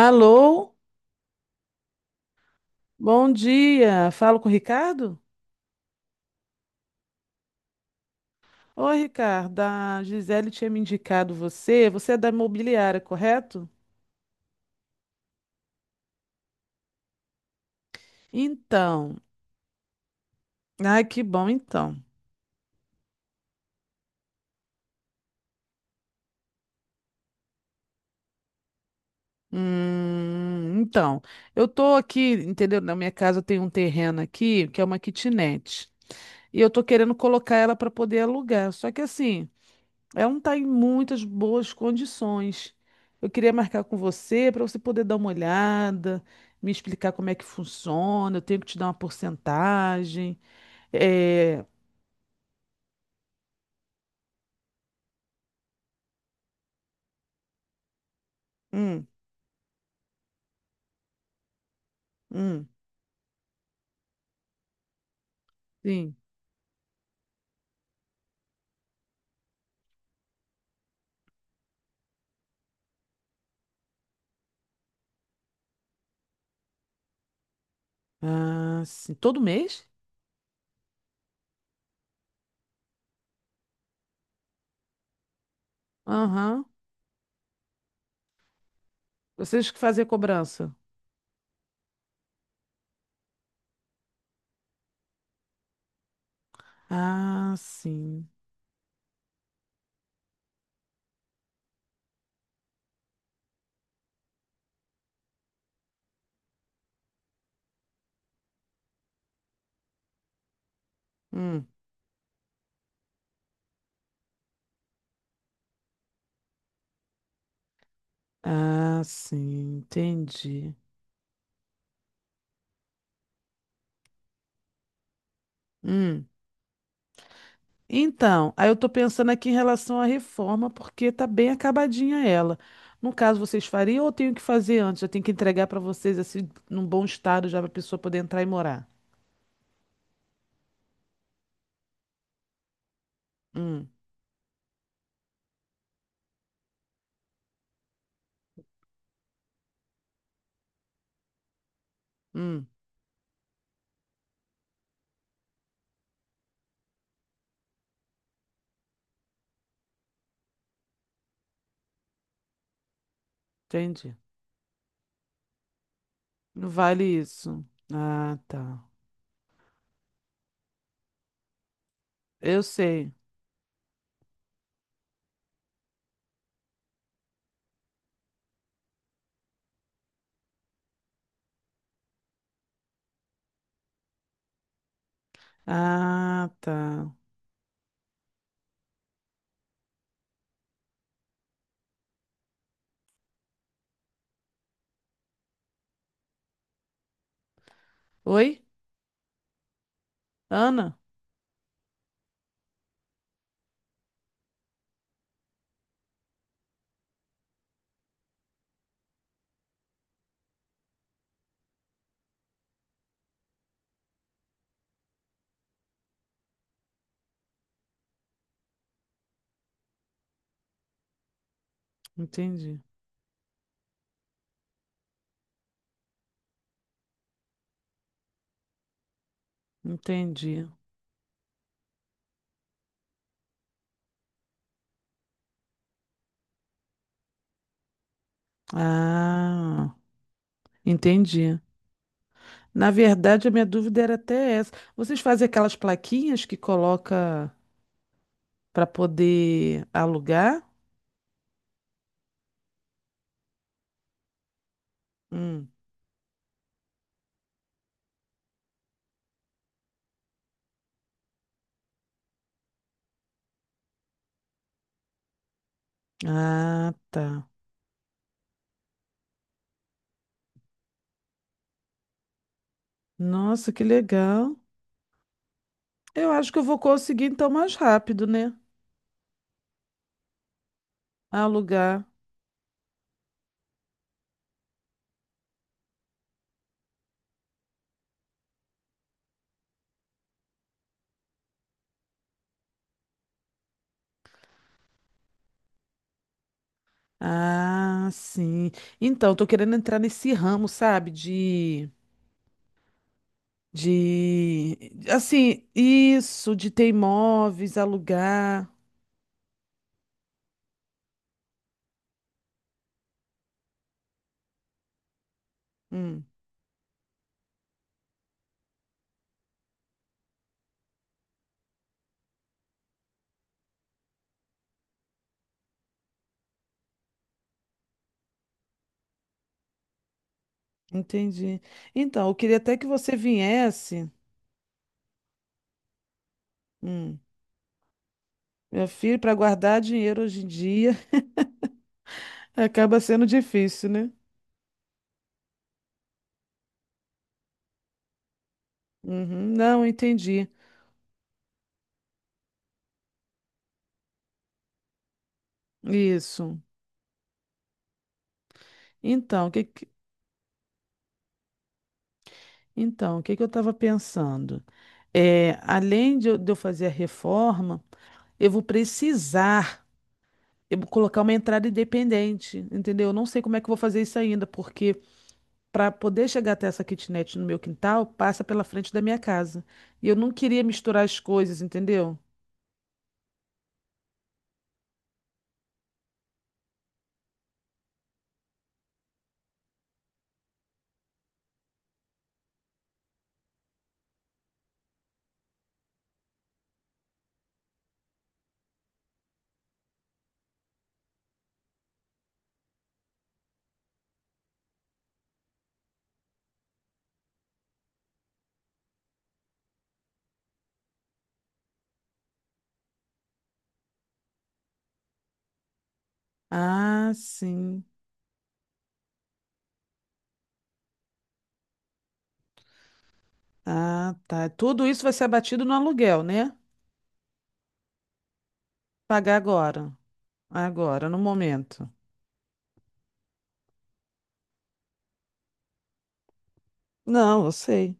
Alô, bom dia. Falo com o Ricardo? Oi, Ricardo. A Gisele tinha me indicado você. Você é da imobiliária, correto? Então, ai, que bom, então. Então, eu tô aqui, entendeu? Na minha casa tem um terreno aqui, que é uma kitnet. E eu tô querendo colocar ela para poder alugar. Só que assim, é um tá em muitas boas condições. Eu queria marcar com você para você poder dar uma olhada, me explicar como é que funciona. Eu tenho que te dar uma porcentagem. É, hum, hum, sim. Ah, sim. Todo mês? Aham. Vocês que fazem a cobrança. Ah, sim. Hum. Ah, sim. Entendi. Hum. Então, aí eu estou pensando aqui em relação à reforma, porque tá bem acabadinha ela. No caso, vocês fariam ou eu tenho que fazer antes? Eu tenho que entregar para vocês assim, num bom estado já para a pessoa poder entrar e morar. Hum, hum, entendi. Não vale isso. Ah, tá. Eu sei. Ah, tá. Oi? Ana? Entendi. Entendi. Ah, entendi. Na verdade, a minha dúvida era até essa. Vocês fazem aquelas plaquinhas que coloca para poder alugar? Hum. Ah, tá. Nossa, que legal. Eu acho que eu vou conseguir então mais rápido, né? Alugar. Ah, sim. Então, tô querendo entrar nesse ramo, sabe? De, assim, isso, de ter imóveis, alugar. Hum, entendi. Então, eu queria até que você viesse. Hum, meu filho, para guardar dinheiro hoje em dia acaba sendo difícil, né? Uhum, não, entendi. Isso. Então, o que, então, o que que eu estava pensando? É, além de eu fazer a reforma, eu vou precisar, eu vou colocar uma entrada independente, entendeu? Eu não sei como é que eu vou fazer isso ainda, porque para poder chegar até essa kitnet no meu quintal, passa pela frente da minha casa. E eu não queria misturar as coisas, entendeu? Ah, sim. Ah, tá. Tudo isso vai ser abatido no aluguel, né? Pagar agora. Agora, no momento. Não, eu sei.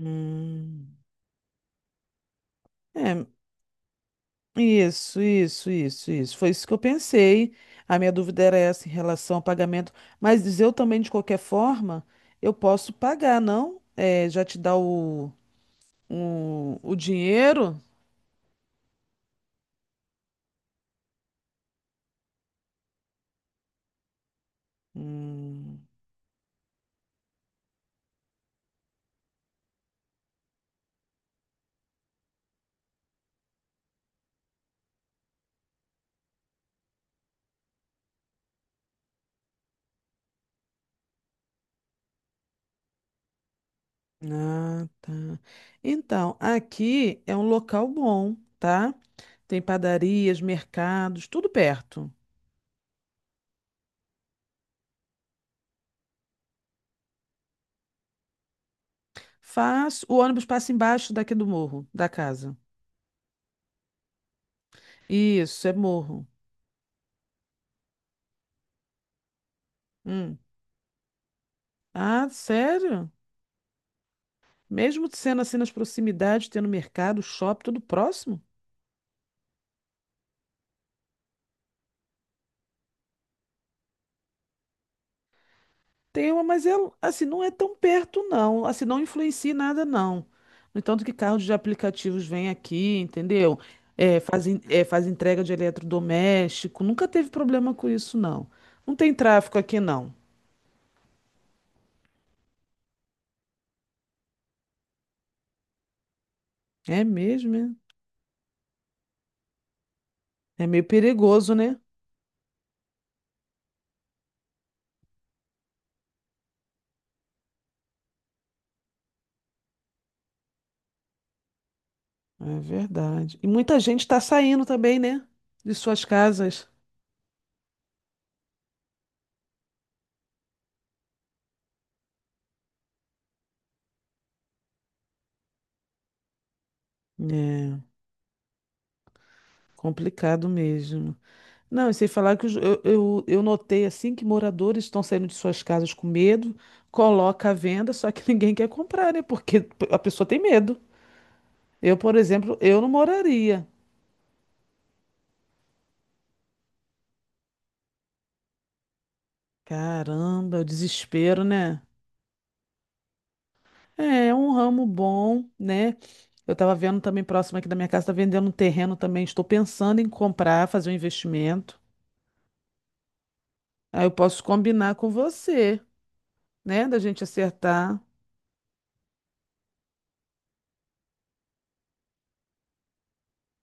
Hum. É, isso, isso, isso, isso. Foi isso que eu pensei. A minha dúvida era essa em relação ao pagamento. Mas eu também, de qualquer forma, eu posso pagar, não? É, já te dá o dinheiro? Hum, ah, tá. Então, aqui é um local bom, tá? Tem padarias, mercados, tudo perto. Faz, o ônibus passa embaixo daqui do morro, da casa. Isso, é morro. Hum. Ah, sério? Mesmo sendo assim nas proximidades, tendo mercado, shopping, tudo próximo? Tem uma, mas é, assim, não é tão perto, não. Assim, não influencia em nada, não. No entanto que carros de aplicativos vêm aqui, entendeu? É, fazem, é, faz entrega de eletrodoméstico. Nunca teve problema com isso, não. Não tem tráfico aqui, não. É mesmo, é? É meio perigoso, né? É verdade. E muita gente está saindo também, né? De suas casas. É complicado mesmo. Não, e sem falar que eu notei assim que moradores estão saindo de suas casas com medo, coloca à venda, só que ninguém quer comprar, né? Porque a pessoa tem medo. Eu, por exemplo, eu não moraria. Caramba, o desespero, né? É, é um ramo bom, né? Eu tava vendo também próximo aqui da minha casa, tá vendendo um terreno também. Estou pensando em comprar, fazer um investimento. Aí eu posso combinar com você, né? Da gente acertar.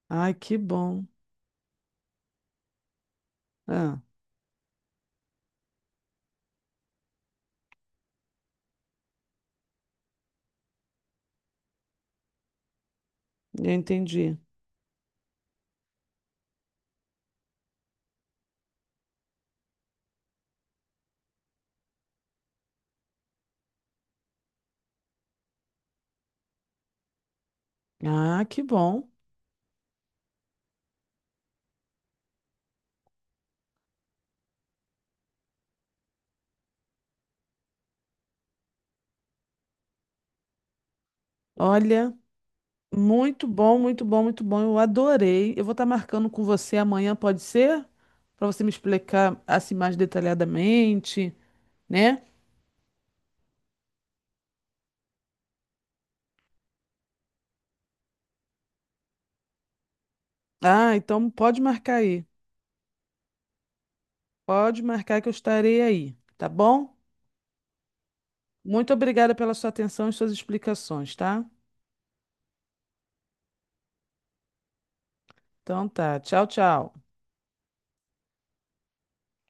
Ai, que bom. Ah, eu entendi. Ah, que bom. Olha, muito bom, muito bom, muito bom. Eu adorei. Eu vou estar marcando com você amanhã, pode ser? Para você me explicar assim mais detalhadamente, né? Ah, então pode marcar aí. Pode marcar que eu estarei aí, tá bom? Muito obrigada pela sua atenção e suas explicações, tá? Então tá. Tchau, tchau.